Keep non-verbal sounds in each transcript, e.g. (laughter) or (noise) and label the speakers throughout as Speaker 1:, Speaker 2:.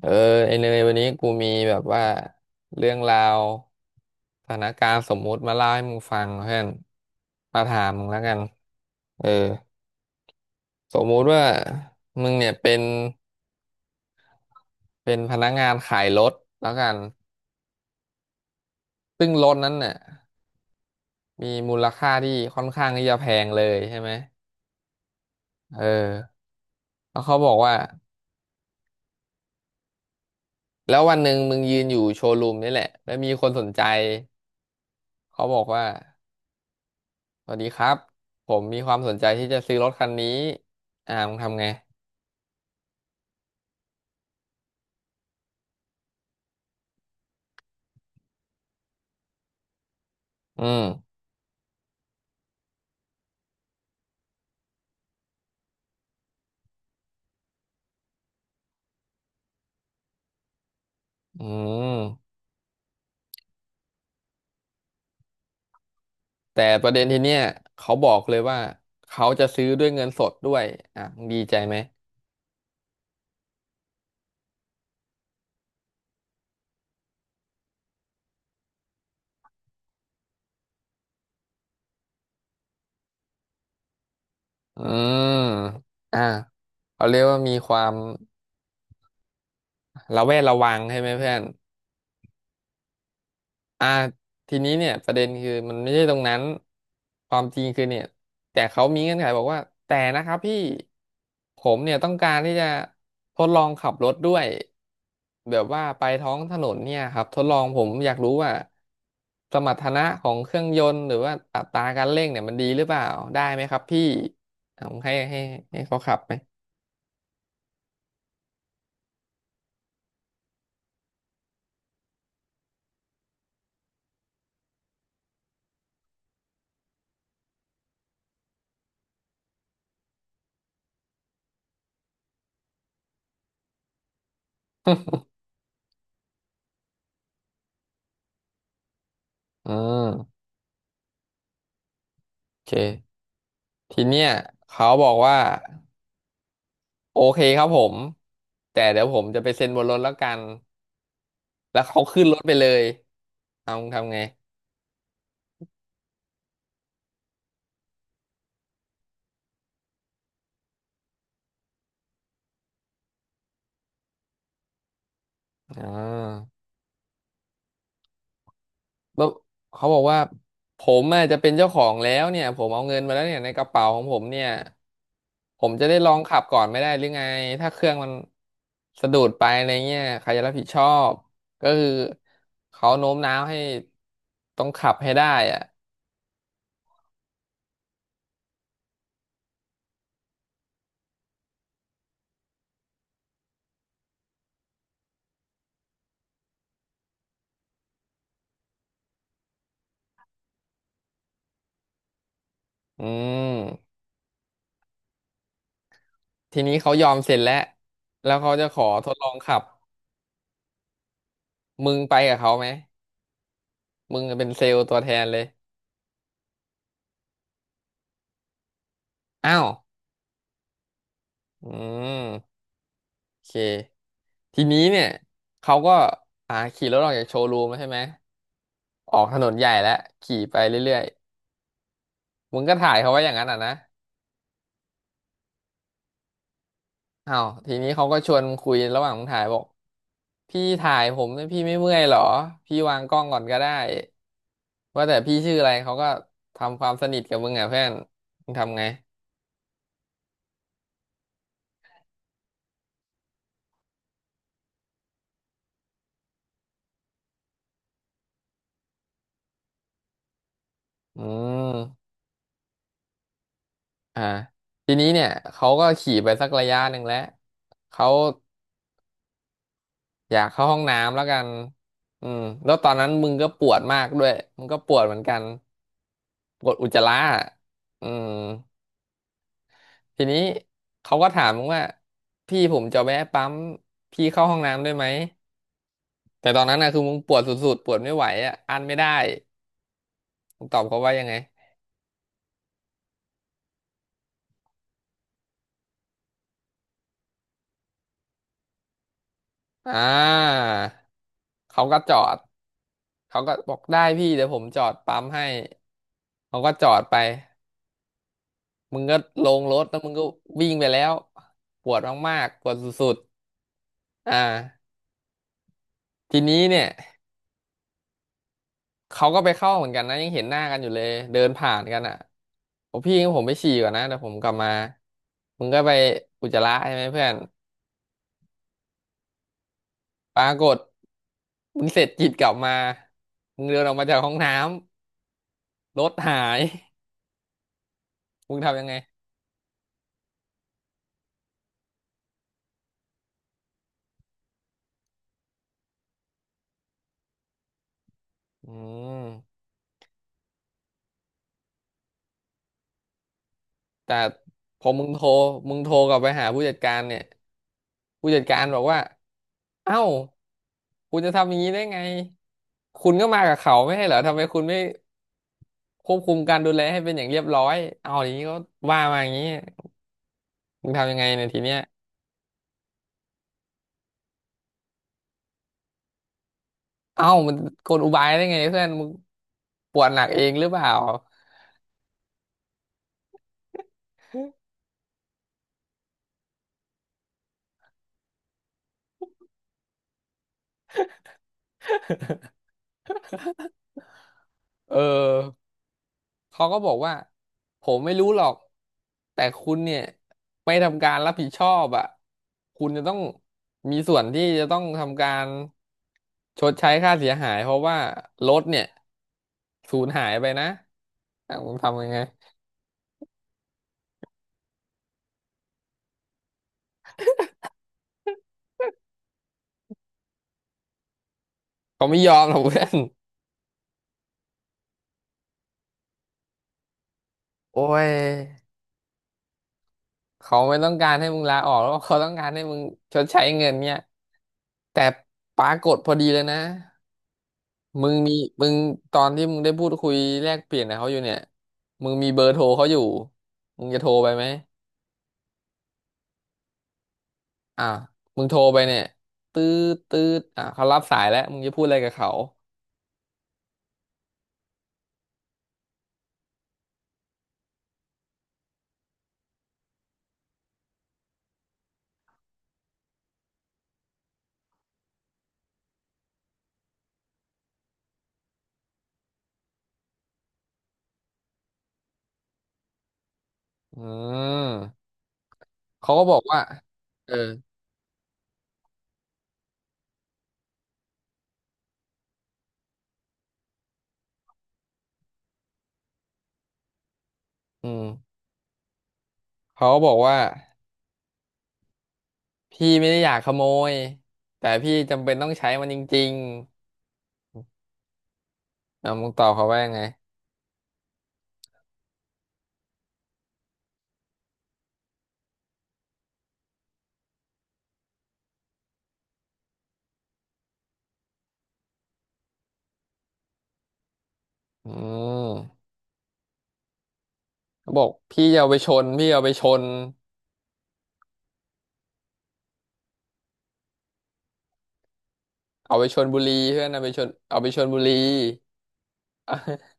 Speaker 1: เออไอเนยวันนี้กูมีแบบว่าเรื่องราวสถานการณ์สมมุติมาเล่าให้มึงฟังเพื่อนมาถามมึงแล้วกันเออสมมุติว่ามึงเนี่ยเป็นพนักงานขายรถแล้วกันซึ่งรถนั้นเนี่ยมีมูลค่าที่ค่อนข้างที่จะแพงเลยใช่ไหมเออแล้วเขาบอกว่าแล้ววันหนึ่งมึงยืนอยู่โชว์รูมนี่แหละแล้วมีคนสนใจเขาบอกว่า สวัสดีครับผมมีความสนใจที่จะซื้อรถคันนี้อ่ามึงทำไงอืมอืมแต่ประเด็นทีเนี้ยเขาบอกเลยว่าเขาจะซื้อด้วยเงินสดด้วยอ่ะมึงดีใจไหมอืมอ่าเขาเรียกว่ามีความระแวดระวังใช่ไหมเพื่อน อ่าทีนี้เนี่ยประเด็นคือมันไม่ใช่ตรงนั้นความจริงคือเนี่ยแต่เขามีเงื่อนไขบอกว่าแต่นะครับพี่ผมเนี่ยต้องการที่จะทดลองขับรถด้วยแบบว่าไปท้องถนนเนี่ยครับทดลองผมอยากรู้ว่าสมรรถนะของเครื่องยนต์หรือว่าอัตราการเร่งเนี่ยมันดีหรือเปล่าได้ไหมครับพี่ผมให้ให้เขาขับไหม (laughs) อืมโอเคทีเนี้ยเขาบอกว่า โอเคครับผมแต่เดี๋ยวผมจะไปเซ็นบนรถแล้วกันแล้วเขาขึ้นรถไปเลยเอาทำไงอ่าแล้วเขาบอกว่าผมอาจจะเป็นเจ้าของแล้วเนี่ยผมเอาเงินมาแล้วเนี่ยในกระเป๋าของผมเนี่ยผมจะได้ลองขับก่อนไม่ได้หรือไงถ้าเครื่องมันสะดุดไปอะไรเงี้ยใครจะรับผิดชอบก็คือเขาโน้มน้าวให้ต้องขับให้ได้อ่ะอืมทีนี้เขายอมเสร็จแล้วแล้วเขาจะขอทดลองขับ มึงไปกับเขาไหม มึงเป็นเซลล์ตัวแทนเลยอ้าวอืมโอเคทีนี้เนี่ยเขาก็อ่าขี่รถออกจากโชว์รูมแล้วใช่ไหมออกถนนใหญ่แล้วขี่ไปเรื่อยๆมึงก็ถ่ายเขาไว้อย่างนั้นอ่ะนะอ้าวทีนี้เขาก็ชวนมึงคุยระหว่างมึงถ่ายบอกพี่ถ่ายผมเนี่ยพี่ไม่เมื่อยหรอพี่วางกล้องก่อนก็ได้ว่าแต่พี่ชื่ออะไรเขาก็ทำความสนิทกับมึงอ่ะเพื่อนมึงทำไงอืม อ่าทีนี้เนี่ยเขาก็ขี่ไปสักระยะหนึ่งแล้วเขาอยากเข้าห้องน้ำแล้วกันอืมแล้วตอนนั้นมึงก็ปวดมากด้วยมึงก็ปวดเหมือนกันปวดอุจจาระอะอืมทีนี้เขาก็ถามมึงว่าพี่ผมจะแวะปั๊มพี่เข้าห้องน้ำได้ไหมแต่ตอนนั้นนะคือมึงปวดสุดๆปวดไม่ไหวอ่ะอั้นไม่ได้มึงตอบเขาว่ายังไงอ่าเขาก็จอดเขาก็บอกได้พี่เดี๋ยวผมจอดปั๊มให้เขาก็จอดไป มึงก็ลงรถแล้วมึงก็วิ่งไปแล้วปวดมากๆปวดสุดๆอ่าทีนี้เนี่ยเขาก็ไปเข้าเหมือนกันนะยังเห็นหน้ากันอยู่เลยเดินผ่านกันอ่ะผมพี่งั้นผมไปฉี่ก่อนนะเดี๋ยวผมกลับมามึงก็ไปอุจจาระใช่ไหมเพื่อนปรากฏมึงเสร็จกิจกลับมามึงเดินออกมาจากห้องน้ำรถหาย (laughs) มึงทำยังไงอืม แต่พอมึงโทรมึงโทรกลับไปหาผู้จัดการเนี่ยผู้จัดการบอกว่าเอ้าคุณจะทำอย่างนี้ได้ไงคุณก็มากับเขาไม่ใช่เหรอทำไมคุณไม่ควบคุมการดูแลให้เป็นอย่างเรียบร้อยเอาอย่างนี้ก็ว่ามาอย่างนี้มึงทำยังไงในยทีเนี้ยเอ้ามันกลอุบายได้ไงเพื่อนมึงปวดหนักเองหรือเปล่า (laughs) เออ เขาก็บอกว่าผมไม่รู้หรอกแต่คุณเนี่ยไม่ทำการรับผิดชอบอ่ะคุณจะต้องมีส่วนที่จะต้องทำการชดใช้ค่าเสียหายเพราะว่ารถเนี่ยสูญหายไปนะอ่ะผมทำยังไงเขาไม่ยอมหรอกเพื่อนโอ้ยเขาไม่ต้องการให้มึงลาออกแล้วเขาต้องการให้มึงชดใช้เงินเนี่ยแต่ปรากฏพอดีเลยนะ มึงมีมึงตอนที่มึงได้พูดคุยแลกเปลี่ยนกับเขาอยู่เนี่ยมึงมีเบอร์โทรเขาอยู่มึงจะโทรไปไหมอ่ะมึงโทรไปเนี่ยตืดตืดอ่ะเขารับสายแล้วมึงจะพูดอะไรกับเขาอืมเขาก็บอกว่าเอออืมเขาก็บอกว่าพี่ไม่ได้อยากขโมยแต่พี่จำเป็นต้องใช้มันจริงๆอ่ะมึงตอบเขาว่ายังไงอืมเขาบอกพี่จะเอาไปชนพี่เอาไปชนเอาไปชนบุรีเพื่อนเอาไปชนบุรี (laughs)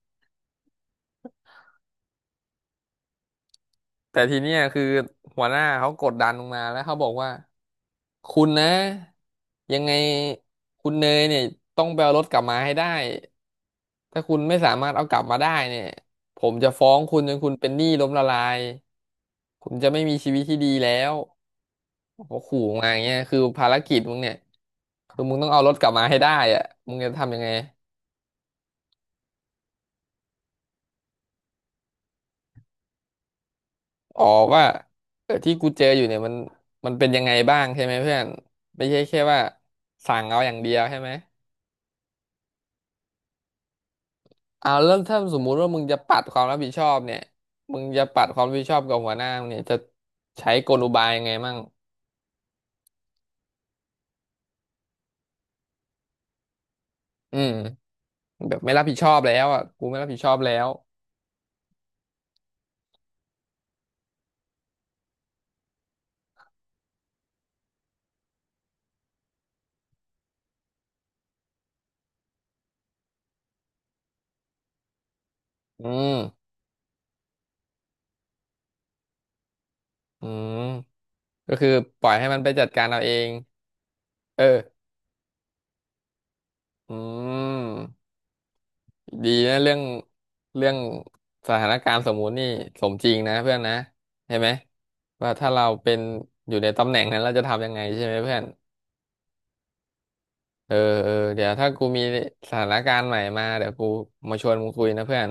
Speaker 1: แต่ทีเนี้ยคือหัวหน้าเขากดดันลงมาแล้วเขาบอกว่าคุณนะยังไงคุณเนยเนี่ยต้องไปเอารถกลับมาให้ได้ถ้าคุณไม่สามารถเอากลับมาได้เนี่ยผมจะฟ้องคุณจนคุณเป็นหนี้ล้มละลายคุณจะไม่มีชีวิตที่ดีแล้วโอ้โหขู่มาอย่างเงี้ยคือภารกิจมึงเนี่ยคือมึงต้องเอารถกลับมาให้ได้อะมึงจะทำยังไงอ๋อว่าเออที่กูเจออยู่เนี่ยมันเป็นยังไงบ้างใช่ไหมเพื่อนไม่ใช่แค่ว่าสั่งเอาอย่างเดียวใช่ไหม เอาแล้วถ้าสมมุติว่ามึงจะปัดความรับผิดชอบเนี่ยมึงจะปัดความรับผิดชอบกับหัวหน้ามึงเนี่ยจะใช้กลอุบายยังไงมั่งอืมแบบไม่รับผิดชอบแล้วอ่ะกูไม่รับผิดชอบแล้วอืมอืมก็คือปล่อยให้มันไปจัดการเอาเองเอออืมดีนะเรื่องสถานการณ์สมมุตินี่สมจริงนะเพื่อนนะเห็นไหมว่าถ้าเราเป็นอยู่ในตำแหน่งนั้นเราจะทำยังไงใช่ไหมเพื่อน เออเออเดี๋ยวถ้ากูมีสถานการณ์ใหม่มาเดี๋ยวกูมาชวนมึงคุยนะเพื่อน